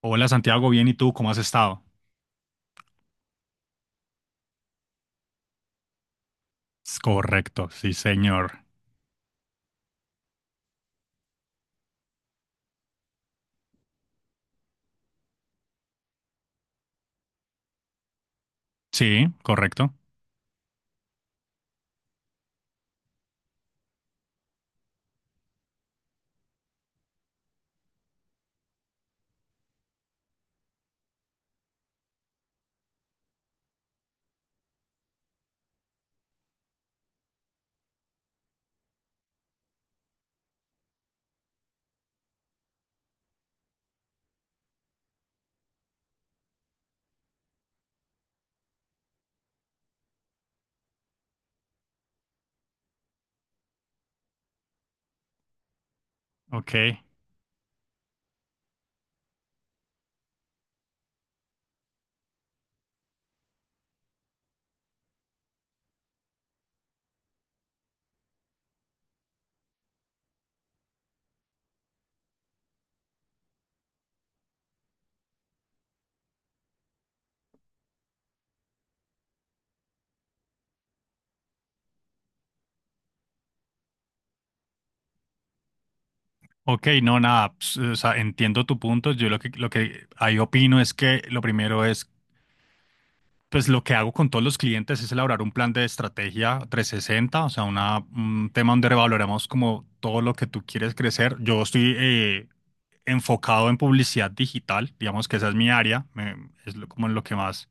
Hola Santiago, bien, ¿y tú cómo has estado? Es correcto, sí señor. Sí, correcto. Ok. Ok, no, nada, pues, o sea, entiendo tu punto. Yo lo que ahí opino es que lo primero es, pues lo que hago con todos los clientes es elaborar un plan de estrategia 360, o sea, un tema donde revaloramos como todo lo que tú quieres crecer. Yo estoy enfocado en publicidad digital, digamos que esa es mi área, como en lo que más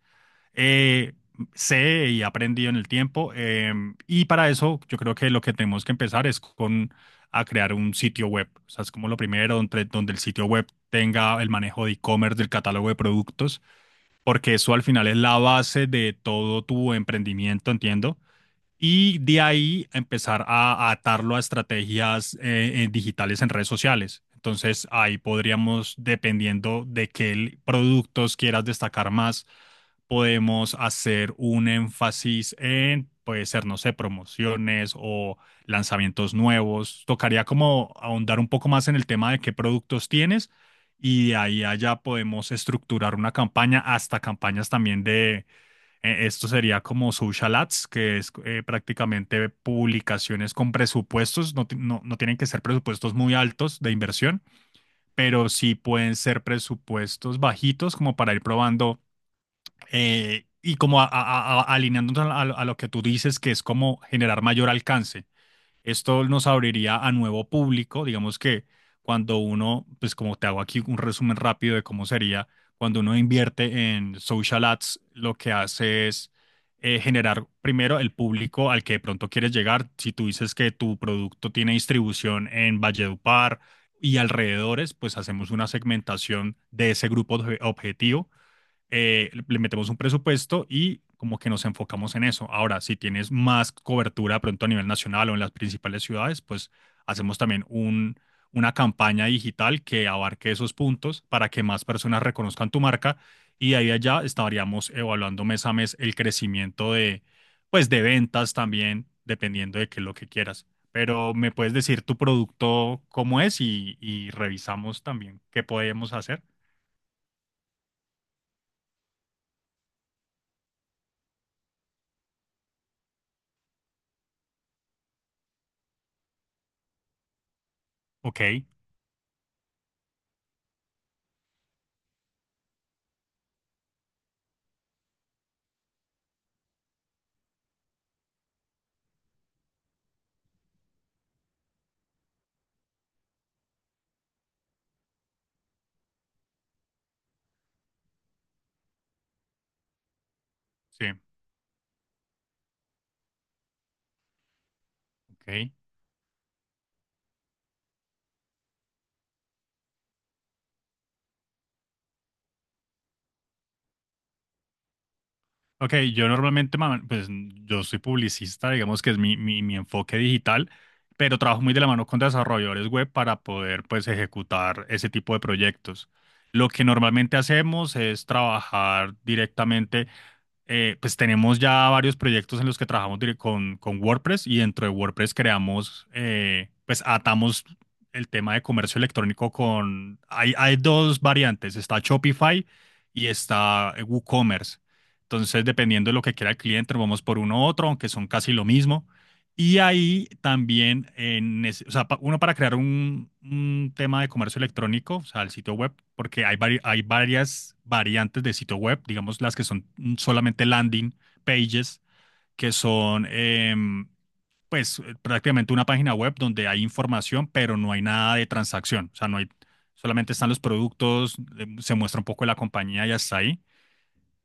eh, sé y he aprendido en el tiempo. Y para eso, yo creo que lo que tenemos que empezar es con a crear un sitio web. O sea, es como lo primero, donde el sitio web tenga el manejo de e-commerce, del catálogo de productos, porque eso al final es la base de todo tu emprendimiento, entiendo, y de ahí empezar a atarlo a estrategias digitales en redes sociales. Entonces ahí podríamos, dependiendo de qué productos quieras destacar más, podemos hacer un énfasis en, puede ser, no sé, promociones o lanzamientos nuevos. Tocaría como ahondar un poco más en el tema de qué productos tienes y de ahí allá podemos estructurar una campaña hasta campañas también de esto sería como social ads, que es prácticamente publicaciones con presupuestos. No, no tienen que ser presupuestos muy altos de inversión, pero sí pueden ser presupuestos bajitos como para ir probando, y como alineándonos a lo que tú dices, que es como generar mayor alcance. Esto nos abriría a nuevo público. Digamos que cuando uno, pues como te hago aquí un resumen rápido de cómo sería, cuando uno invierte en social ads, lo que hace es, generar primero el público al que de pronto quieres llegar. Si tú dices que tu producto tiene distribución en Valledupar y alrededores, pues hacemos una segmentación de ese objetivo, le metemos un presupuesto y como que nos enfocamos en eso. Ahora, si tienes más cobertura pronto a nivel nacional o en las principales ciudades, pues hacemos también una campaña digital que abarque esos puntos para que más personas reconozcan tu marca, y de ahí a allá estaríamos evaluando mes a mes el crecimiento de, pues, de ventas también, dependiendo de qué es lo que quieras. Pero me puedes decir tu producto cómo es y revisamos también qué podemos hacer. Ok, sí, ok. Ok, yo normalmente, pues yo soy publicista, digamos que es mi enfoque digital, pero trabajo muy de la mano con desarrolladores web para poder pues ejecutar ese tipo de proyectos. Lo que normalmente hacemos es trabajar directamente, pues tenemos ya varios proyectos en los que trabajamos con WordPress, y dentro de WordPress creamos, pues atamos el tema de comercio electrónico con, hay dos variantes, está Shopify y está WooCommerce. Entonces, dependiendo de lo que quiera el cliente, nos vamos por uno u otro, aunque son casi lo mismo. Y ahí también, o sea, uno para crear un tema de comercio electrónico, o sea, el sitio web, porque hay, hay varias variantes de sitio web, digamos las que son solamente landing pages, que son em, pues prácticamente una página web donde hay información, pero no hay nada de transacción, o sea, no hay, solamente están los productos, se muestra un poco de la compañía y hasta ahí,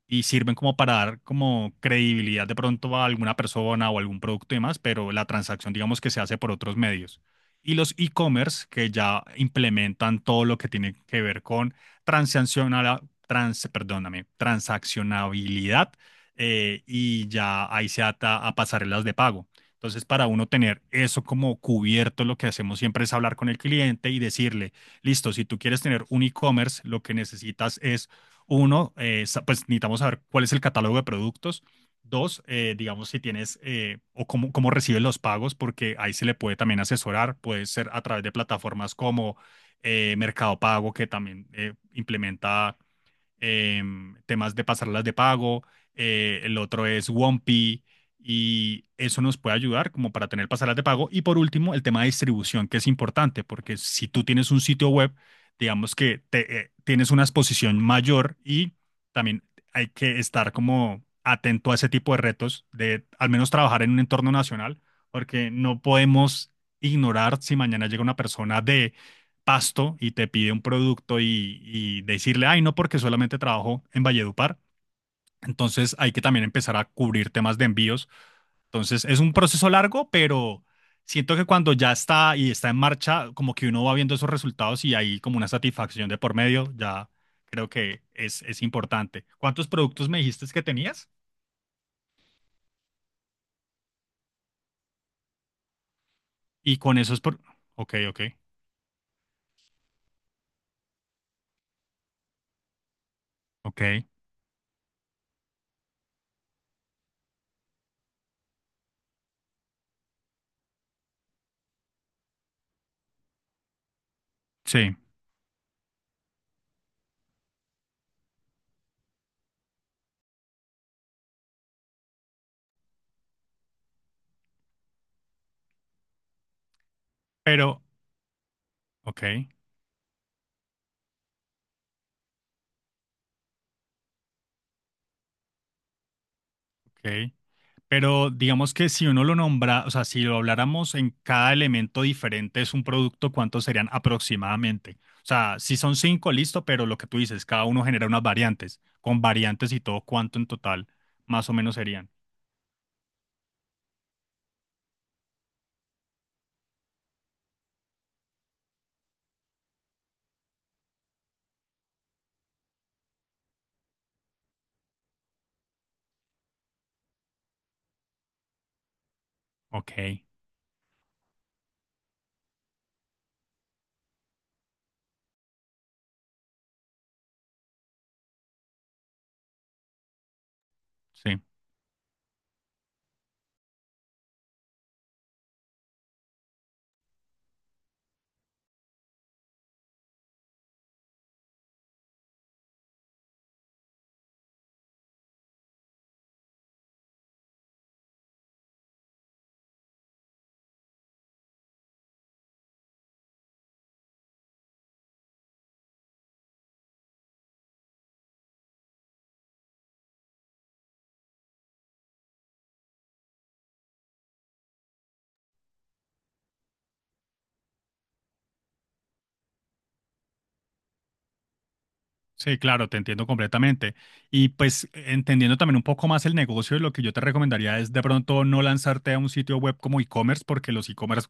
y sirven como para dar como credibilidad de pronto a alguna persona o algún producto y demás, pero la transacción digamos que se hace por otros medios. Y los e-commerce que ya implementan todo lo que tiene que ver con transaccional, trans, perdóname, transaccionabilidad, y ya ahí se ata a pasarelas de pago. Entonces, para uno tener eso como cubierto, lo que hacemos siempre es hablar con el cliente y decirle, listo, si tú quieres tener un e-commerce, lo que necesitas es uno, pues necesitamos saber cuál es el catálogo de productos. Dos, digamos si tienes o cómo recibes los pagos, porque ahí se le puede también asesorar. Puede ser a través de plataformas como Mercado Pago, que también implementa eh, temas de pasarlas de pago, el otro es Wompi, y eso nos puede ayudar como para tener pasarelas de pago. Y por último, el tema de distribución, que es importante, porque si tú tienes un sitio web, digamos que te, tienes una exposición mayor, y también hay que estar como atento a ese tipo de retos, de al menos trabajar en un entorno nacional, porque no podemos ignorar si mañana llega una persona de Pasto y te pide un producto y decirle, ay, no, porque solamente trabajo en Valledupar. Entonces hay que también empezar a cubrir temas de envíos. Entonces es un proceso largo, pero siento que cuando ya está y está en marcha, como que uno va viendo esos resultados y hay como una satisfacción de por medio, ya creo que es importante. ¿Cuántos productos me dijiste que tenías? Y con esos... Por... Ok, ok, ok, sí, pero... Ok, ok. Pero digamos que si uno lo nombra, o sea, si lo habláramos en cada elemento diferente es un producto, ¿cuántos serían aproximadamente? O sea, si son cinco, listo, pero lo que tú dices, cada uno genera unas variantes. Con variantes y todo, ¿cuánto en total más o menos serían? Ok, sí. Sí, claro, te entiendo completamente. Y pues entendiendo también un poco más el negocio, lo que yo te recomendaría es de pronto no lanzarte a un sitio web como e-commerce, porque los e-commerce,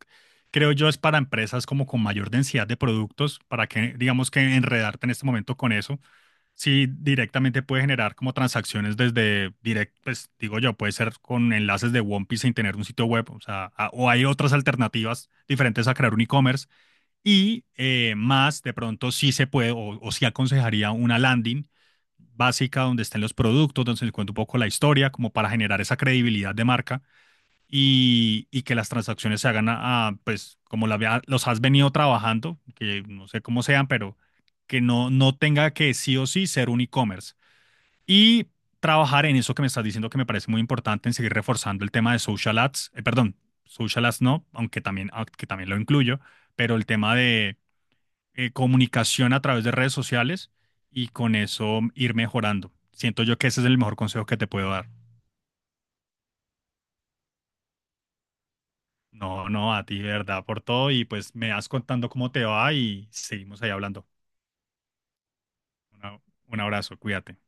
creo yo, es para empresas como con mayor densidad de productos, para que, digamos que enredarte en este momento con eso, sí directamente puede generar como transacciones desde direct, pues digo yo, puede ser con enlaces de One Piece sin tener un sitio web, o sea, o hay otras alternativas diferentes a crear un e-commerce, y más, de pronto sí se puede o sí aconsejaría una landing básica donde estén los productos, donde se les cuente un poco la historia, como para generar esa credibilidad de marca y que las transacciones se hagan pues, como los has venido trabajando, que no sé cómo sean, pero que no tenga que sí o sí ser un e-commerce. Y trabajar en eso que me estás diciendo que me parece muy importante, en seguir reforzando el tema de social ads, perdón, social ads no, aunque también, ah, que también lo incluyo, pero el tema de comunicación a través de redes sociales, y con eso ir mejorando. Siento yo que ese es el mejor consejo que te puedo dar. No, no, a ti, de verdad, por todo, y pues me vas contando cómo te va y seguimos ahí hablando. Una- un abrazo, cuídate.